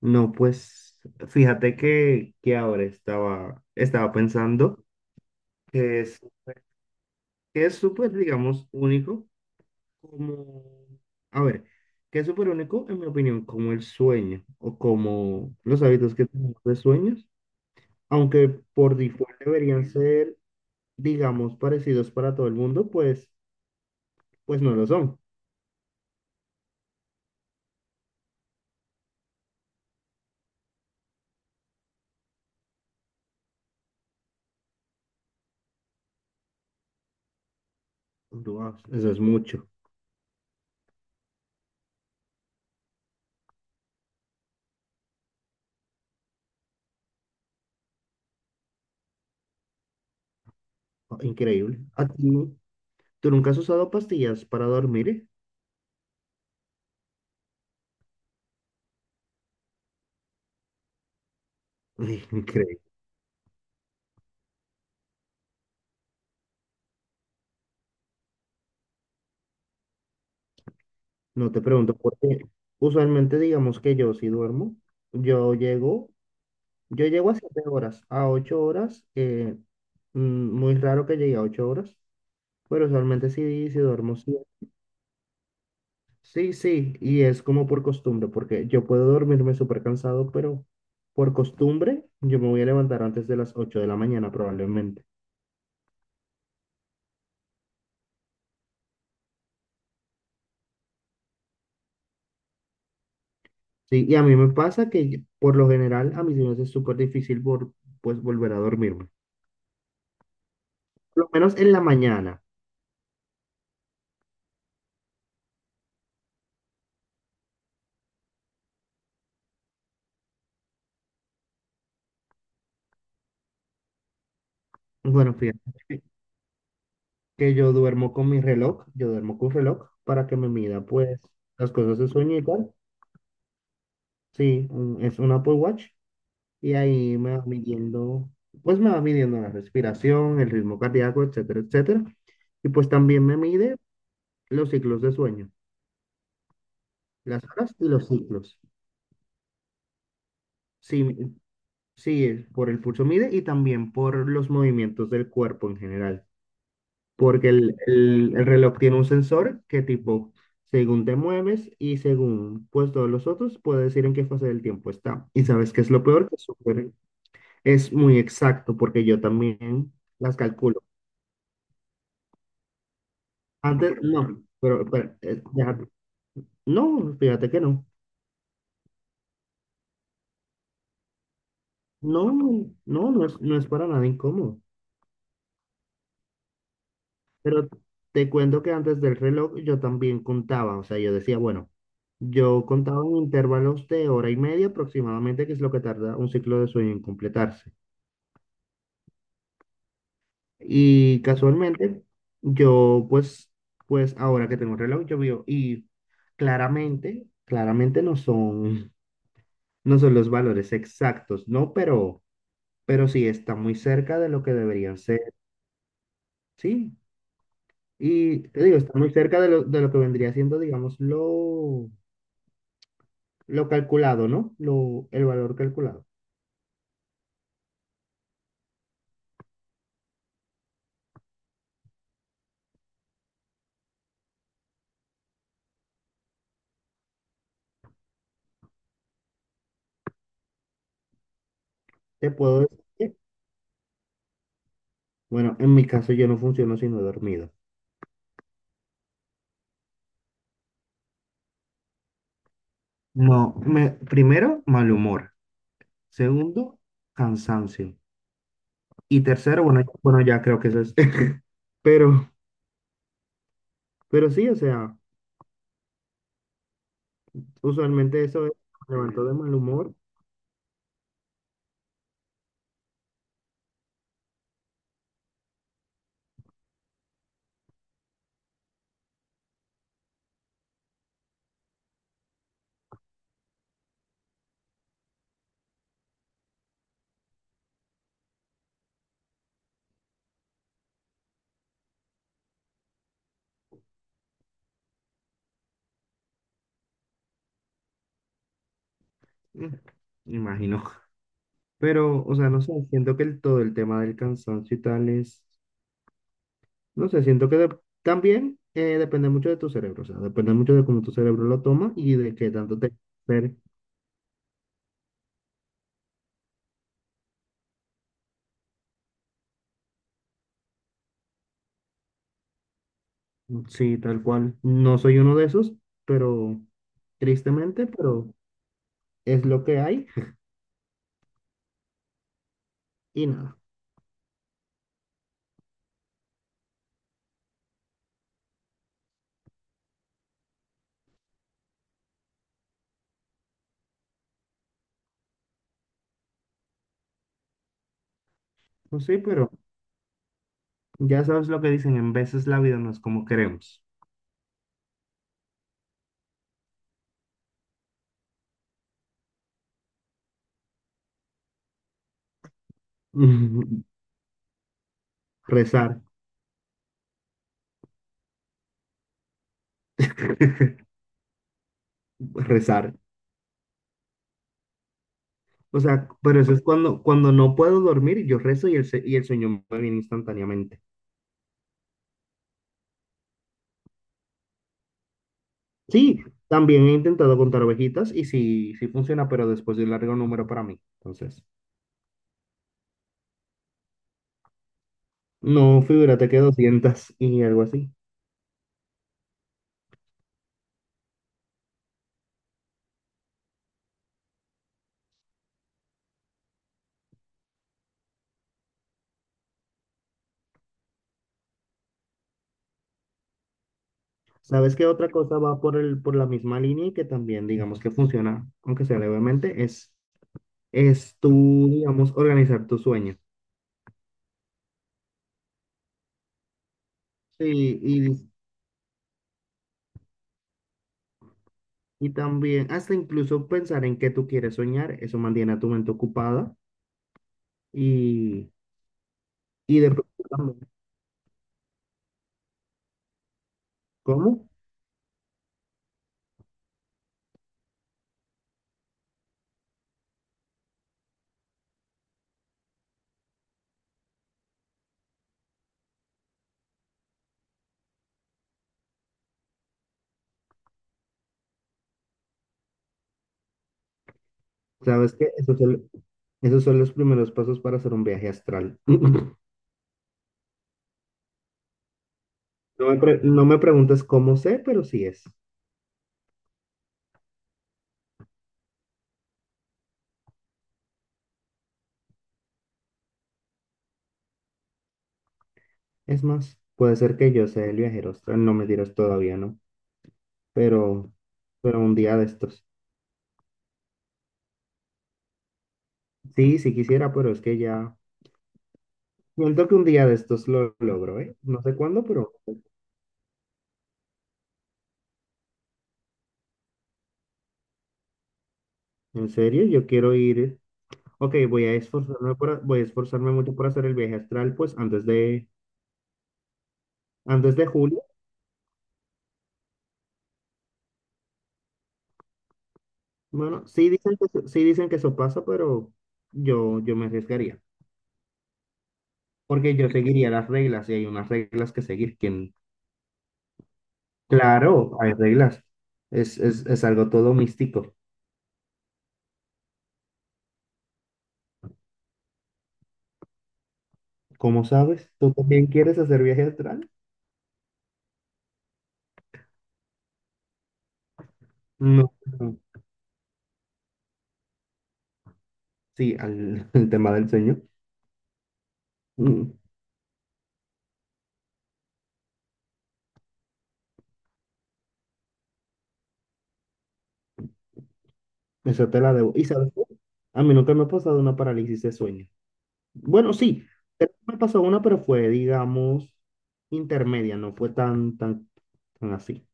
No, pues fíjate que ahora estaba pensando que es, que es súper, digamos, único, como, a ver, que es súper único, en mi opinión, como el sueño o como los hábitos que tenemos de sueños, aunque por default deberían ser, digamos, parecidos para todo el mundo, pues no lo son. Wow, eso es mucho, increíble. ¿A ti, tú nunca has usado pastillas para dormir? Increíble. No te pregunto, porque usualmente digamos que yo si duermo, yo llego, yo llego a 7 horas, a 8 horas, muy raro que llegue a 8 horas, pero usualmente sí, si duermo sí. Sí, sí, y es como por costumbre, porque yo puedo dormirme súper cansado, pero por costumbre yo me voy a levantar antes de las 8 de la mañana probablemente. Sí, y a mí me pasa que por lo general a mí se me hace súper difícil por, pues volver a dormirme, por lo menos en la mañana. Bueno, fíjate que yo duermo con mi reloj, yo duermo con reloj para que me mida pues las cosas de sueño y tal. Sí, es un Apple Watch y ahí me va midiendo, pues me va midiendo la respiración, el ritmo cardíaco, etcétera, etcétera. Y pues también me mide los ciclos de sueño, las horas y los ciclos. Sí, sí, por el pulso mide y también por los movimientos del cuerpo en general, porque el reloj tiene un sensor que tipo, según te mueves y según pues todos los otros, puede decir en qué fase del tiempo está. Y sabes qué es lo peor, que es muy exacto, porque yo también las calculo. Antes no, déjate. No, fíjate que no. No, no, no, no es para nada incómodo. Pero te cuento que antes del reloj yo también contaba, o sea, yo decía, bueno, yo contaba en intervalos de hora y media aproximadamente, que es lo que tarda un ciclo de sueño en completarse. Y casualmente, yo pues ahora que tengo un reloj, yo veo, y claramente, claramente no son, no son los valores exactos, ¿no? Pero sí está muy cerca de lo que deberían ser, ¿sí? Y te digo, está muy cerca de lo, que vendría siendo, digamos lo calculado, ¿no? El valor calculado. Te puedo decir que, bueno, en mi caso yo no funciono sino dormido. No, primero, mal humor. Segundo, cansancio. Y tercero, bueno, bueno, ya creo que eso es. Pero, pero sí, o sea, usualmente eso es, me levanto de mal humor. mm, me imagino. Pero, o sea, no sé, siento que el, todo el tema del cansancio y tal es. No sé, siento que también depende mucho de tu cerebro, o sea, depende mucho de cómo tu cerebro lo toma y de qué tanto te... Pero, sí, tal cual. No soy uno de esos, pero tristemente, pero es lo que hay y nada. Pues sí, pero ya sabes lo que dicen, en veces la vida no es como queremos. Rezar, rezar. O sea, pero eso es cuando, cuando no puedo dormir, yo rezo y y el sueño me viene instantáneamente. Sí, también he intentado contar ovejitas y sí, sí funciona, pero después de un largo número para mí. Entonces, no, figúrate que 200 y algo así. ¿Sabes qué otra cosa va por el, por la misma línea y que también digamos que funciona, aunque sea levemente, es tú, digamos, organizar tu sueño? Sí, y también hasta incluso pensar en qué tú quieres soñar, eso mantiene a tu mente ocupada y, y, de pronto también, ¿cómo? ¿Sabes qué? Eso es Esos son los primeros pasos para hacer un viaje astral. No me preguntes cómo sé, pero sí es. Es más, puede ser que yo sea el viajero astral, no me dirás todavía, ¿no? Pero, pero un día de estos. Sí, sí quisiera, pero es que ya. Siento que un día de estos lo logro, ¿eh? No sé cuándo, pero en serio, yo quiero ir. Ok, voy a esforzarme por, voy a esforzarme mucho por hacer el viaje astral, pues antes de julio. Bueno, sí dicen que, sí dicen que eso pasa, pero yo me arriesgaría. Porque yo seguiría las reglas y hay unas reglas que seguir. Claro, hay reglas. Es algo todo místico. Como sabes? ¿Tú también quieres hacer viaje astral? No, no. Sí, al, el tema del sueño. Mm, eso te la debo. ¿Y sabes qué? A mí nunca me ha pasado una parálisis de sueño. Bueno, sí, creo me pasó una, pero fue, digamos, intermedia, no fue tan, tan, tan así.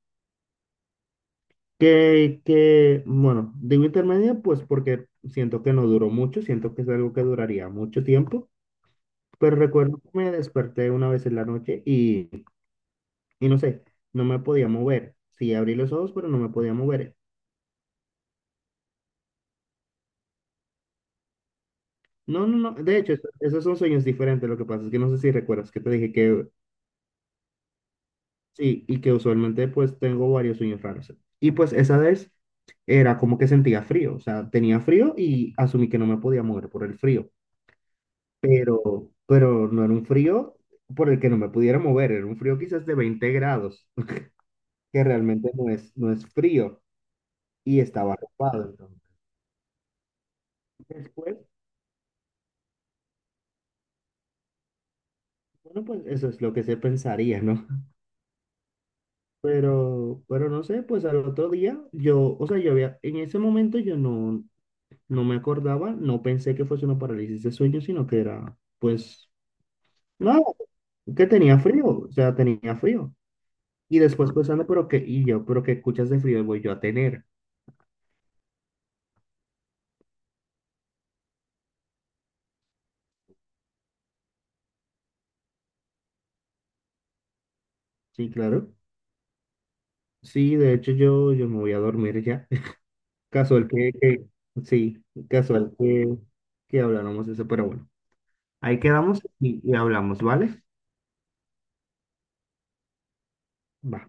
Que, bueno, digo intermedia, pues porque siento que no duró mucho, siento que es algo que duraría mucho tiempo, pero recuerdo que me desperté una vez en la noche y no sé, no me podía mover. Sí, abrí los ojos, pero no me podía mover. No, no, no, de hecho, esos son sueños diferentes. Lo que pasa es que no sé si recuerdas que te dije que sí, y que usualmente pues tengo varios sueños raros. Y pues esa vez era como que sentía frío, o sea, tenía frío y asumí que no me podía mover por el frío. Pero no era un frío por el que no me pudiera mover, era un frío quizás de 20 grados, que realmente no es frío, y estaba arropado. Entonces, después, bueno, pues eso es lo que se pensaría, ¿no? Pero no sé, pues al otro día yo, o sea, yo había, en ese momento yo no, no me acordaba, no pensé que fuese una parálisis de sueño, sino que era, pues, nada, que tenía frío, o sea, tenía frío. Y después pensando, pero qué, y yo, pero qué escuchas de frío voy yo a tener. Sí, claro. Sí, de hecho yo, yo me voy a dormir ya. Casual sí, casual que habláramos de eso, pero bueno. Ahí quedamos y hablamos, ¿vale? Va.